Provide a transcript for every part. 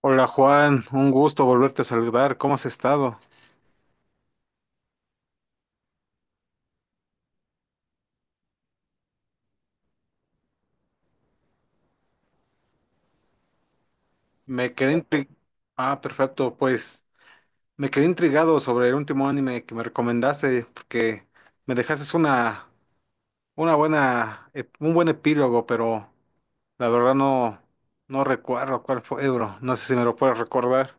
Hola Juan, un gusto volverte a saludar. ¿Cómo has estado? Me quedé intrigado. Ah, perfecto. Pues me quedé intrigado sobre el último anime que me recomendaste porque me dejaste un buen epílogo, pero la verdad no, no recuerdo cuál fue, bro. No sé si me lo puedes recordar.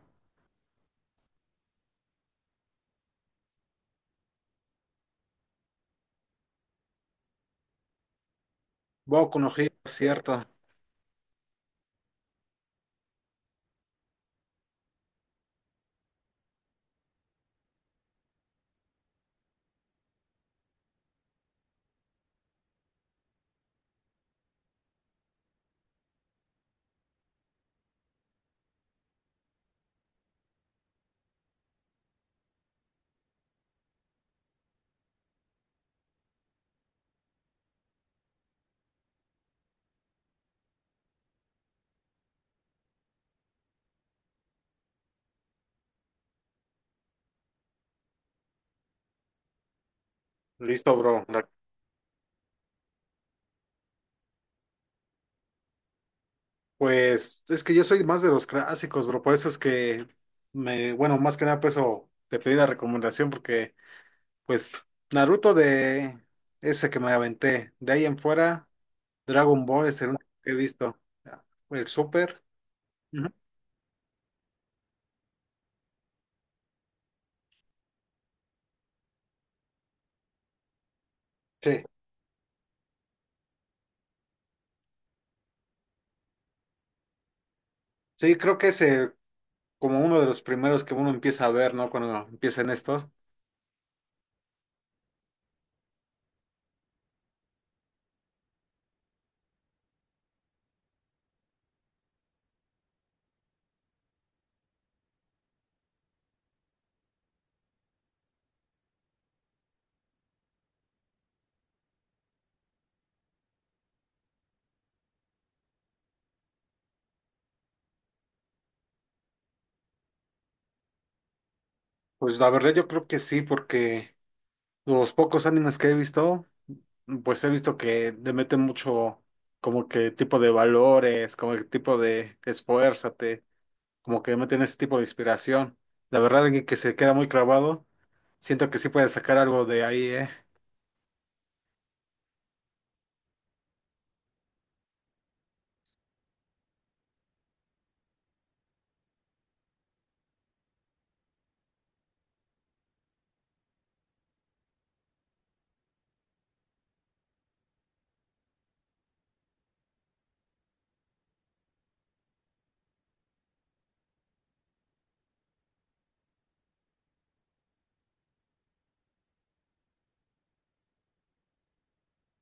Boku no Hero, cierto. Listo, bro. La- Pues es que yo soy más de los clásicos, bro. Por eso es que bueno, más que nada por eso te pedí la recomendación porque pues Naruto, de ese que me aventé. De ahí en fuera, Dragon Ball es el único que he visto. El Super. Ujú. Sí. Sí, creo que como uno de los primeros que uno empieza a ver, ¿no? Cuando empiezan estos. Pues la verdad yo creo que sí, porque los pocos animes que he visto, pues he visto que le meten mucho como que tipo de valores, como que tipo de esfuérzate, como que meten ese tipo de inspiración. La verdad es que se queda muy clavado. Siento que sí puedes sacar algo de ahí, ¿eh?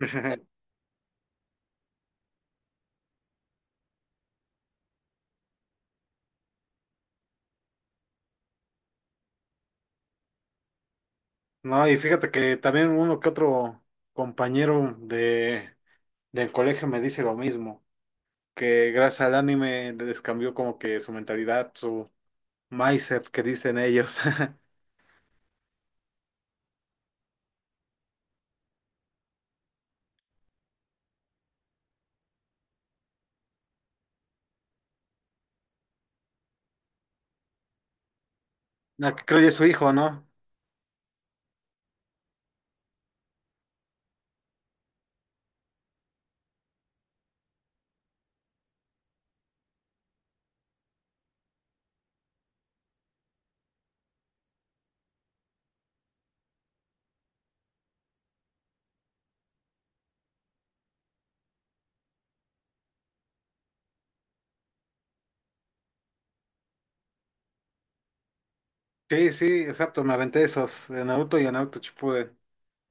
No, y fíjate que también uno que otro compañero del colegio me dice lo mismo, que gracias al anime les cambió como que su mentalidad, su mindset que dicen ellos. No, que creo que es su hijo, ¿no? Sí, sí, exacto, me aventé esos de Naruto y de Naruto Shippuden.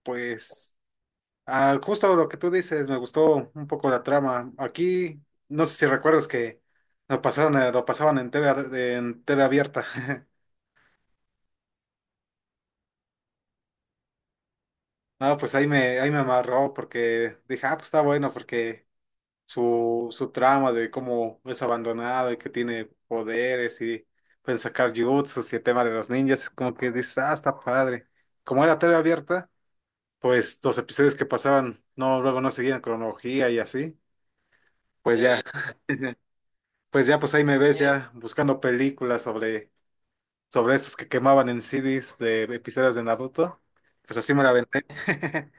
Pues, ah, justo lo que tú dices, me gustó un poco la trama. Aquí, no sé si recuerdas que lo pasaban en TV, en T V abierta. No, pues ahí me amarró porque dije, ah, pues está bueno porque su trama de cómo es abandonado y que tiene poderes y pueden sacar jutsus y el tema de los ninjas, como que dices, ah, está padre. Como era TV abierta, pues los episodios que pasaban, no, luego no seguían cronología y así, pues ya, pues ya, pues ahí me ves ya buscando películas sobre, esos que quemaban en CDs de episodios de Naruto, pues así me la aventé.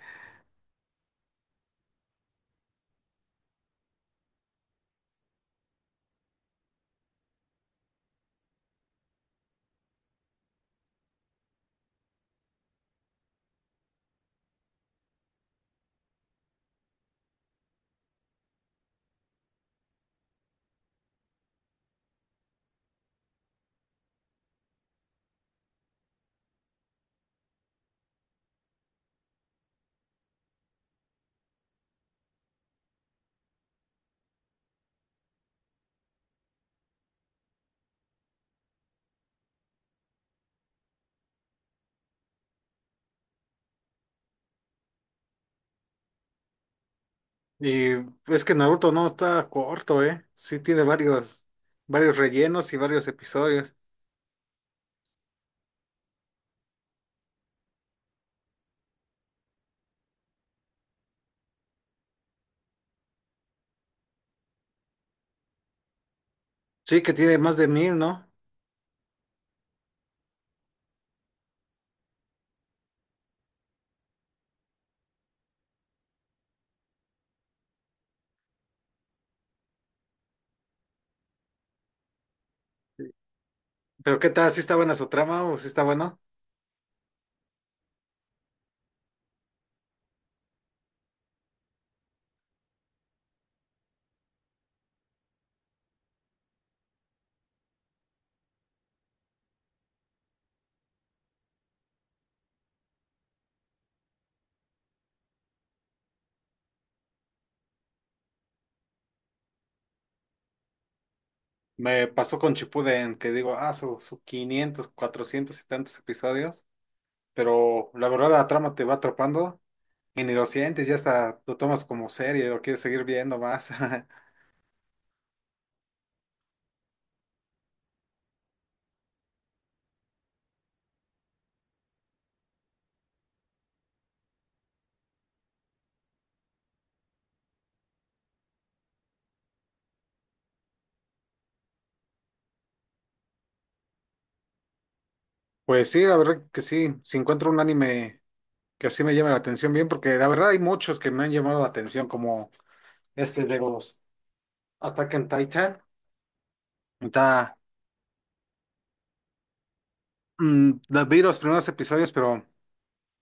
Y es que Naruto no está corto, ¿eh? Sí tiene varios rellenos y varios episodios. Sí que tiene más de 1.000, ¿no? Pero ¿qué tal? ¿Sí está buena su trama o sí está bueno? Me pasó con Shippuden, que digo, ah, su 500, 400 y tantos episodios. Pero la verdad la trama te va atrapando y ni lo sientes, ya hasta lo tomas como serie, lo quieres seguir viendo más. Pues sí, la verdad que sí. Si encuentro un anime que así me llame la atención bien, porque la verdad hay muchos que me han llamado la atención como... este de los Attack on Titan. Está, Vi los primeros episodios, pero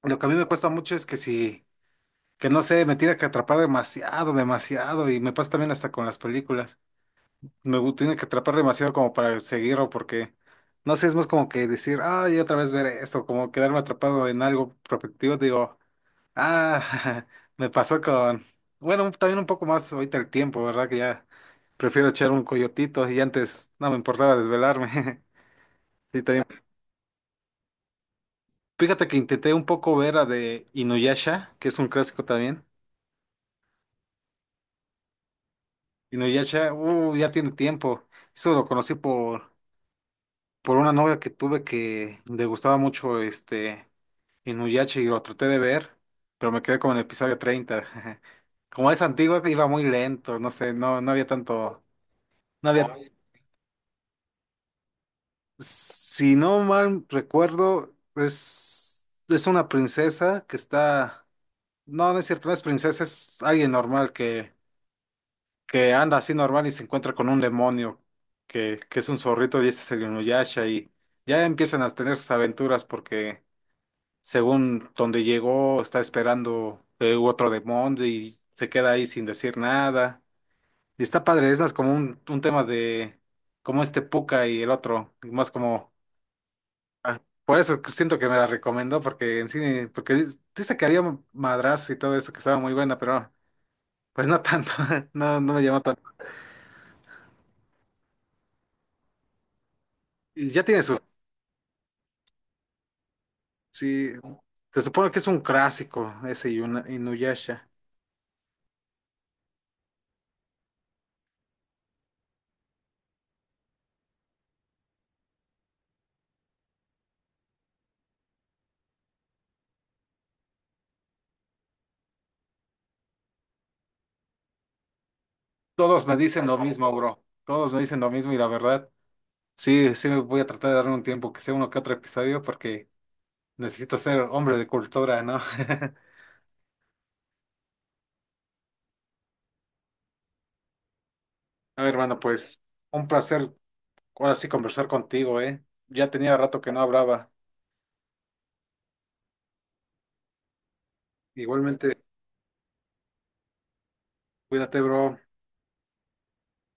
lo que a mí me cuesta mucho es que si, que no sé, me tiene que atrapar demasiado, demasiado, y me pasa también hasta con las películas. Tiene que atrapar demasiado como para seguirlo, porque, no sé, es más como que decir, ay, otra vez ver esto, como quedarme atrapado en algo repetitivo, digo, ah, me pasó con, bueno, también un poco más ahorita el tiempo, ¿verdad? Que ya prefiero echar un coyotito y antes no me importaba desvelarme. Sí, también. Fíjate que intenté un poco ver a de Inuyasha, que es un clásico también. Inuyasha, ya tiene tiempo. Eso lo conocí por, una novia que tuve que le gustaba mucho este Inuyasha y lo traté de ver, pero me quedé como en el episodio 30. Como es antiguo, iba muy lento, no sé, no, no había tanto, no había, si no mal recuerdo, es una princesa que está, no, no es cierto, no es princesa, es alguien normal que anda así normal y se encuentra con un demonio que es un zorrito y ese es el Inuyasha y ya empiezan a tener sus aventuras porque según donde llegó está esperando otro demonio y se queda ahí sin decir nada. Y está padre, es más como un tema de como este Puka y el otro, y más como ah, por eso siento que me la recomendó porque en cine, porque dice que había madrazos y todo eso que estaba muy buena, pero no, pues no tanto, no, no me llamó tanto. Y ya tiene sus Sí, se supone que es un clásico ese Inuyasha. Todos me dicen lo mismo, bro. Todos me dicen lo mismo y la verdad, sí, sí me voy a tratar de darle un tiempo que sea uno que otro episodio porque necesito ser hombre de cultura, ¿no? A ver, hermano, pues un placer ahora sí conversar contigo, ¿eh? Ya tenía rato que no hablaba. Igualmente, cuídate, bro.